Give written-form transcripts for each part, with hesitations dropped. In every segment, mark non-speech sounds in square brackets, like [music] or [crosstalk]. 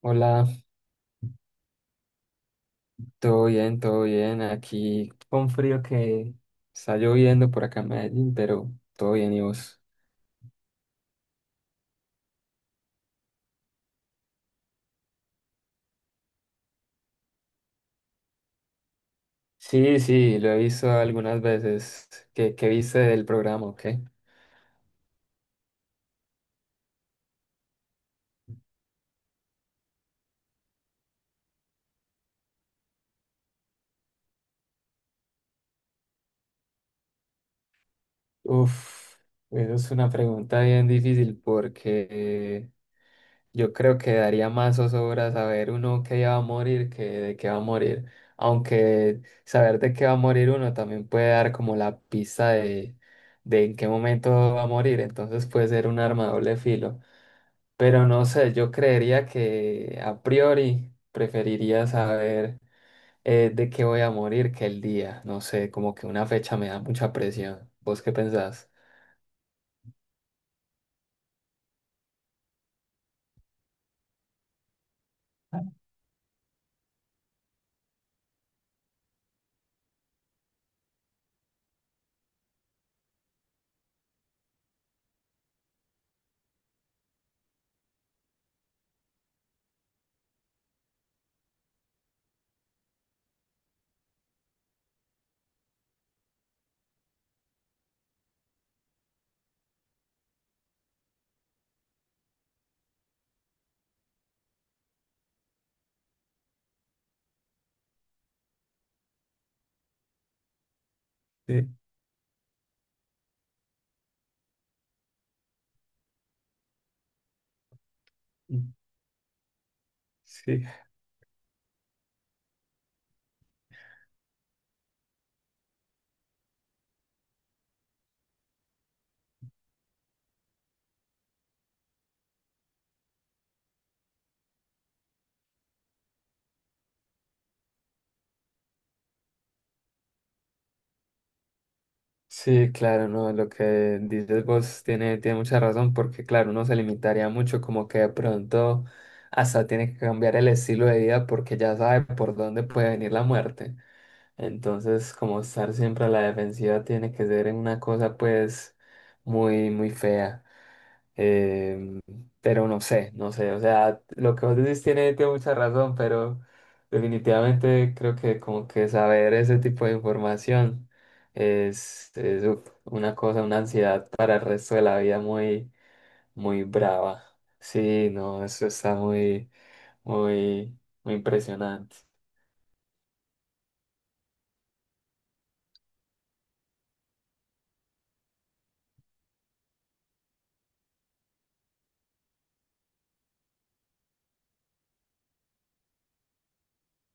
Hola, todo bien, todo bien. Aquí con frío que está lloviendo por acá en Medellín, pero todo bien, ¿y vos? Sí, sí, lo he visto algunas veces. ¿Qué, qué viste del programa, o qué? Uf, eso es una pregunta bien difícil porque yo creo que daría más zozobra saber uno que ya va a morir que de qué va a morir. Aunque saber de qué va a morir uno también puede dar como la pista de en qué momento va a morir, entonces puede ser un arma de doble filo. Pero no sé, yo creería que a priori preferiría saber de qué voy a morir que el día. No sé, como que una fecha me da mucha presión. ¿Vos qué pensás? Sí, sí, sí, claro, no, lo que dices vos tiene, tiene mucha razón porque, claro, uno se limitaría mucho, como que de pronto hasta tiene que cambiar el estilo de vida porque ya sabe por dónde puede venir la muerte. Entonces, como estar siempre a la defensiva tiene que ser una cosa, pues, muy, muy fea. Em, pero no sé, no sé, o sea, lo que vos decís tiene, tiene mucha razón, pero definitivamente creo que como que saber ese tipo de información es uf, una cosa, una ansiedad para el resto de la vida muy, muy brava. Sí, no, eso está muy, muy, muy impresionante.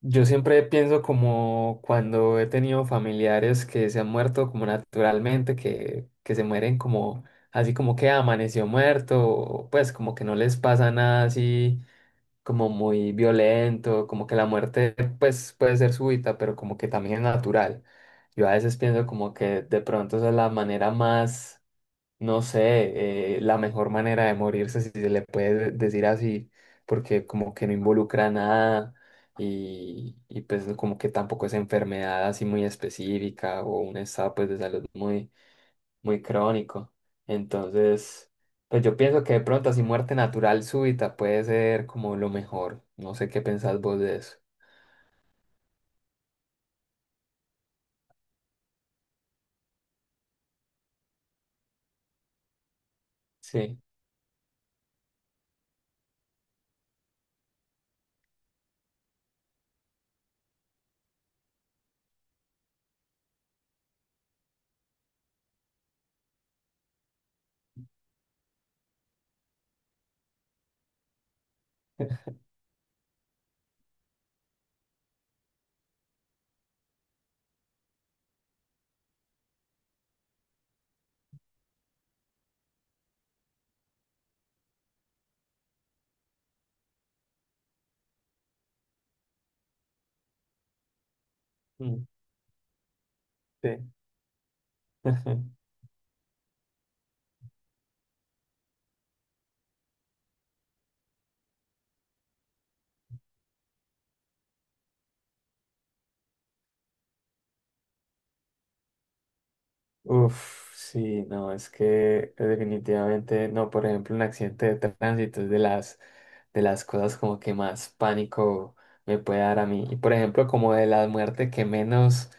Yo siempre pienso como cuando he tenido familiares que se han muerto como naturalmente, que se mueren como así como que amaneció muerto, o pues como que no les pasa nada así como muy violento, como que la muerte pues puede ser súbita, pero como que también es natural. Yo a veces pienso como que de pronto esa es la manera más no sé, la mejor manera de morirse, si se le puede decir así, porque como que no involucra nada y, y pues como que tampoco es enfermedad así muy específica o un estado pues de salud muy, muy crónico. Entonces, pues yo pienso que de pronto así muerte natural súbita puede ser como lo mejor. No sé qué pensás vos de eso. Sí. Mm, sí. [laughs] Uf, sí, no, es que definitivamente, no, por ejemplo, un accidente de tránsito es de las cosas como que más pánico me puede dar a mí. Y por ejemplo, como de la muerte que menos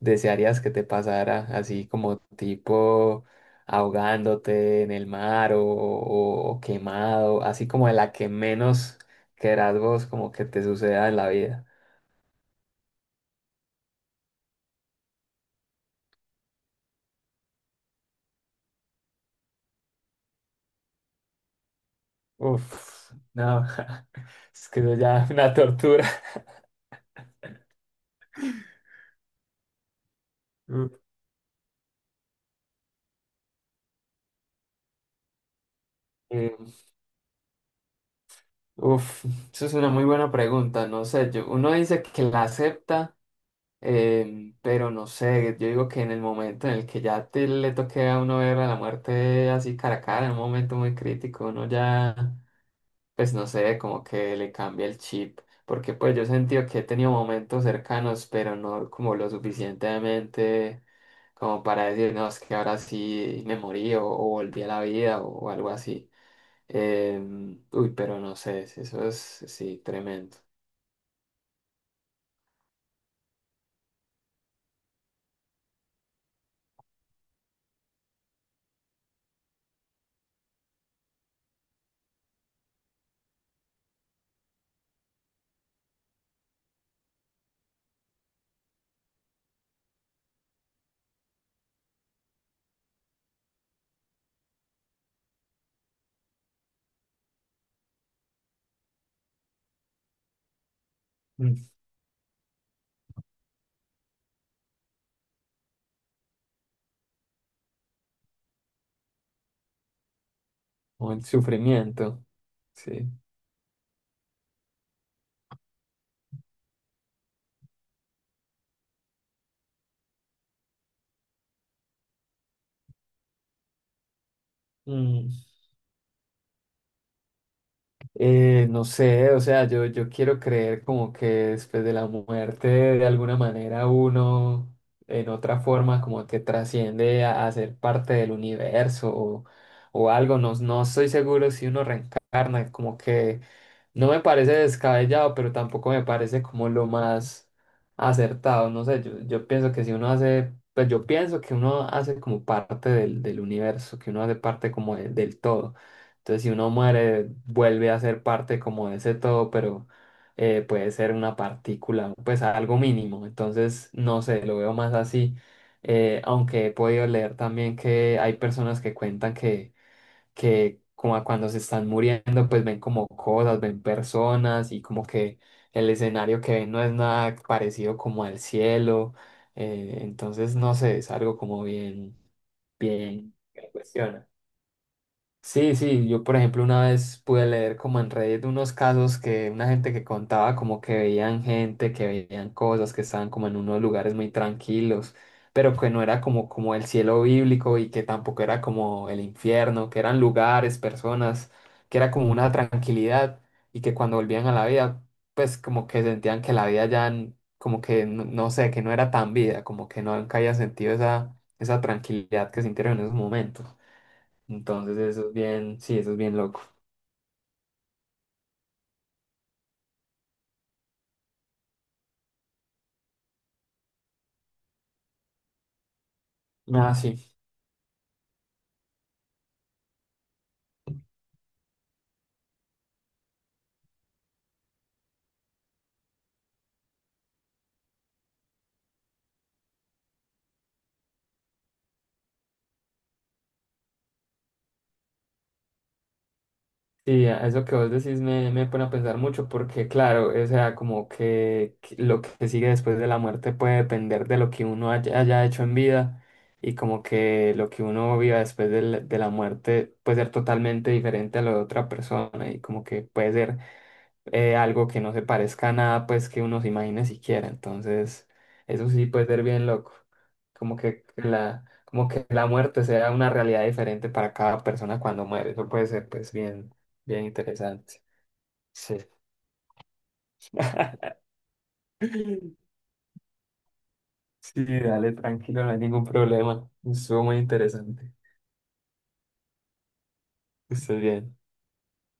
desearías que te pasara, así como tipo ahogándote en el mar o, o quemado, así como de la que menos querás vos como que te suceda en la vida. Uf, no, [laughs] es que eso ya es una tortura. Mm. Uf, eso es una muy buena pregunta. No sé, yo, uno dice que la acepta, pero no sé, yo digo que en el momento en el que ya te, le toque a uno ver a la muerte así cara a cara, en un momento muy crítico, uno ya, pues no sé, como que le cambia el chip. Porque pues yo he sentido que he tenido momentos cercanos, pero no como lo suficientemente como para decir, no, es que ahora sí me morí o volví a la vida o algo así. Uy, pero no sé, si eso es, sí, tremendo. Mm. O el sufrimiento, sí. Mm. No sé, o sea, yo quiero creer como que después de la muerte, de alguna manera, uno en otra forma como que trasciende a ser parte del universo o algo. No, no estoy seguro si uno reencarna, como que no me parece descabellado, pero tampoco me parece como lo más acertado. No sé, yo pienso que si uno hace, pues yo pienso que uno hace como parte del, del universo, que uno hace parte como del todo. Entonces, si uno muere, vuelve a ser parte como de ese todo, pero puede ser una partícula, pues algo mínimo. Entonces, no sé, lo veo más así. Aunque he podido leer también que hay personas que cuentan que como a cuando se están muriendo, pues ven como cosas, ven personas y como que el escenario que ven no es nada parecido como al cielo. Entonces, no sé, es algo como bien, bien que me cuestiona. Sí, sí, yo por ejemplo una vez pude leer como en Reddit unos casos que una gente que contaba como que veían gente, que veían cosas, que estaban como en unos lugares muy tranquilos, pero que no era como, como el cielo bíblico y que tampoco era como el infierno, que eran lugares, personas, que era como una tranquilidad y que cuando volvían a la vida, pues como que sentían que la vida ya n- como que no, no sé, que no era tan vida, como que no habían sentido esa, esa tranquilidad que sintieron en esos momentos. Entonces eso es bien, sí, eso es bien loco. Ah, sí. Sí, eso que vos decís me, me pone a pensar mucho porque, claro, o sea, como que lo que sigue después de la muerte puede depender de lo que uno haya, haya hecho en vida y como que lo que uno viva después de la muerte puede ser totalmente diferente a lo de otra persona y como que puede ser algo que no se parezca a nada, pues que uno se imagine siquiera. Entonces, eso sí puede ser bien loco. Como que la muerte sea una realidad diferente para cada persona cuando muere. Eso puede ser, pues, bien, bien interesante. Sí. [laughs] Sí, dale, tranquilo, no hay ningún problema. Estuvo muy interesante. Estés bien.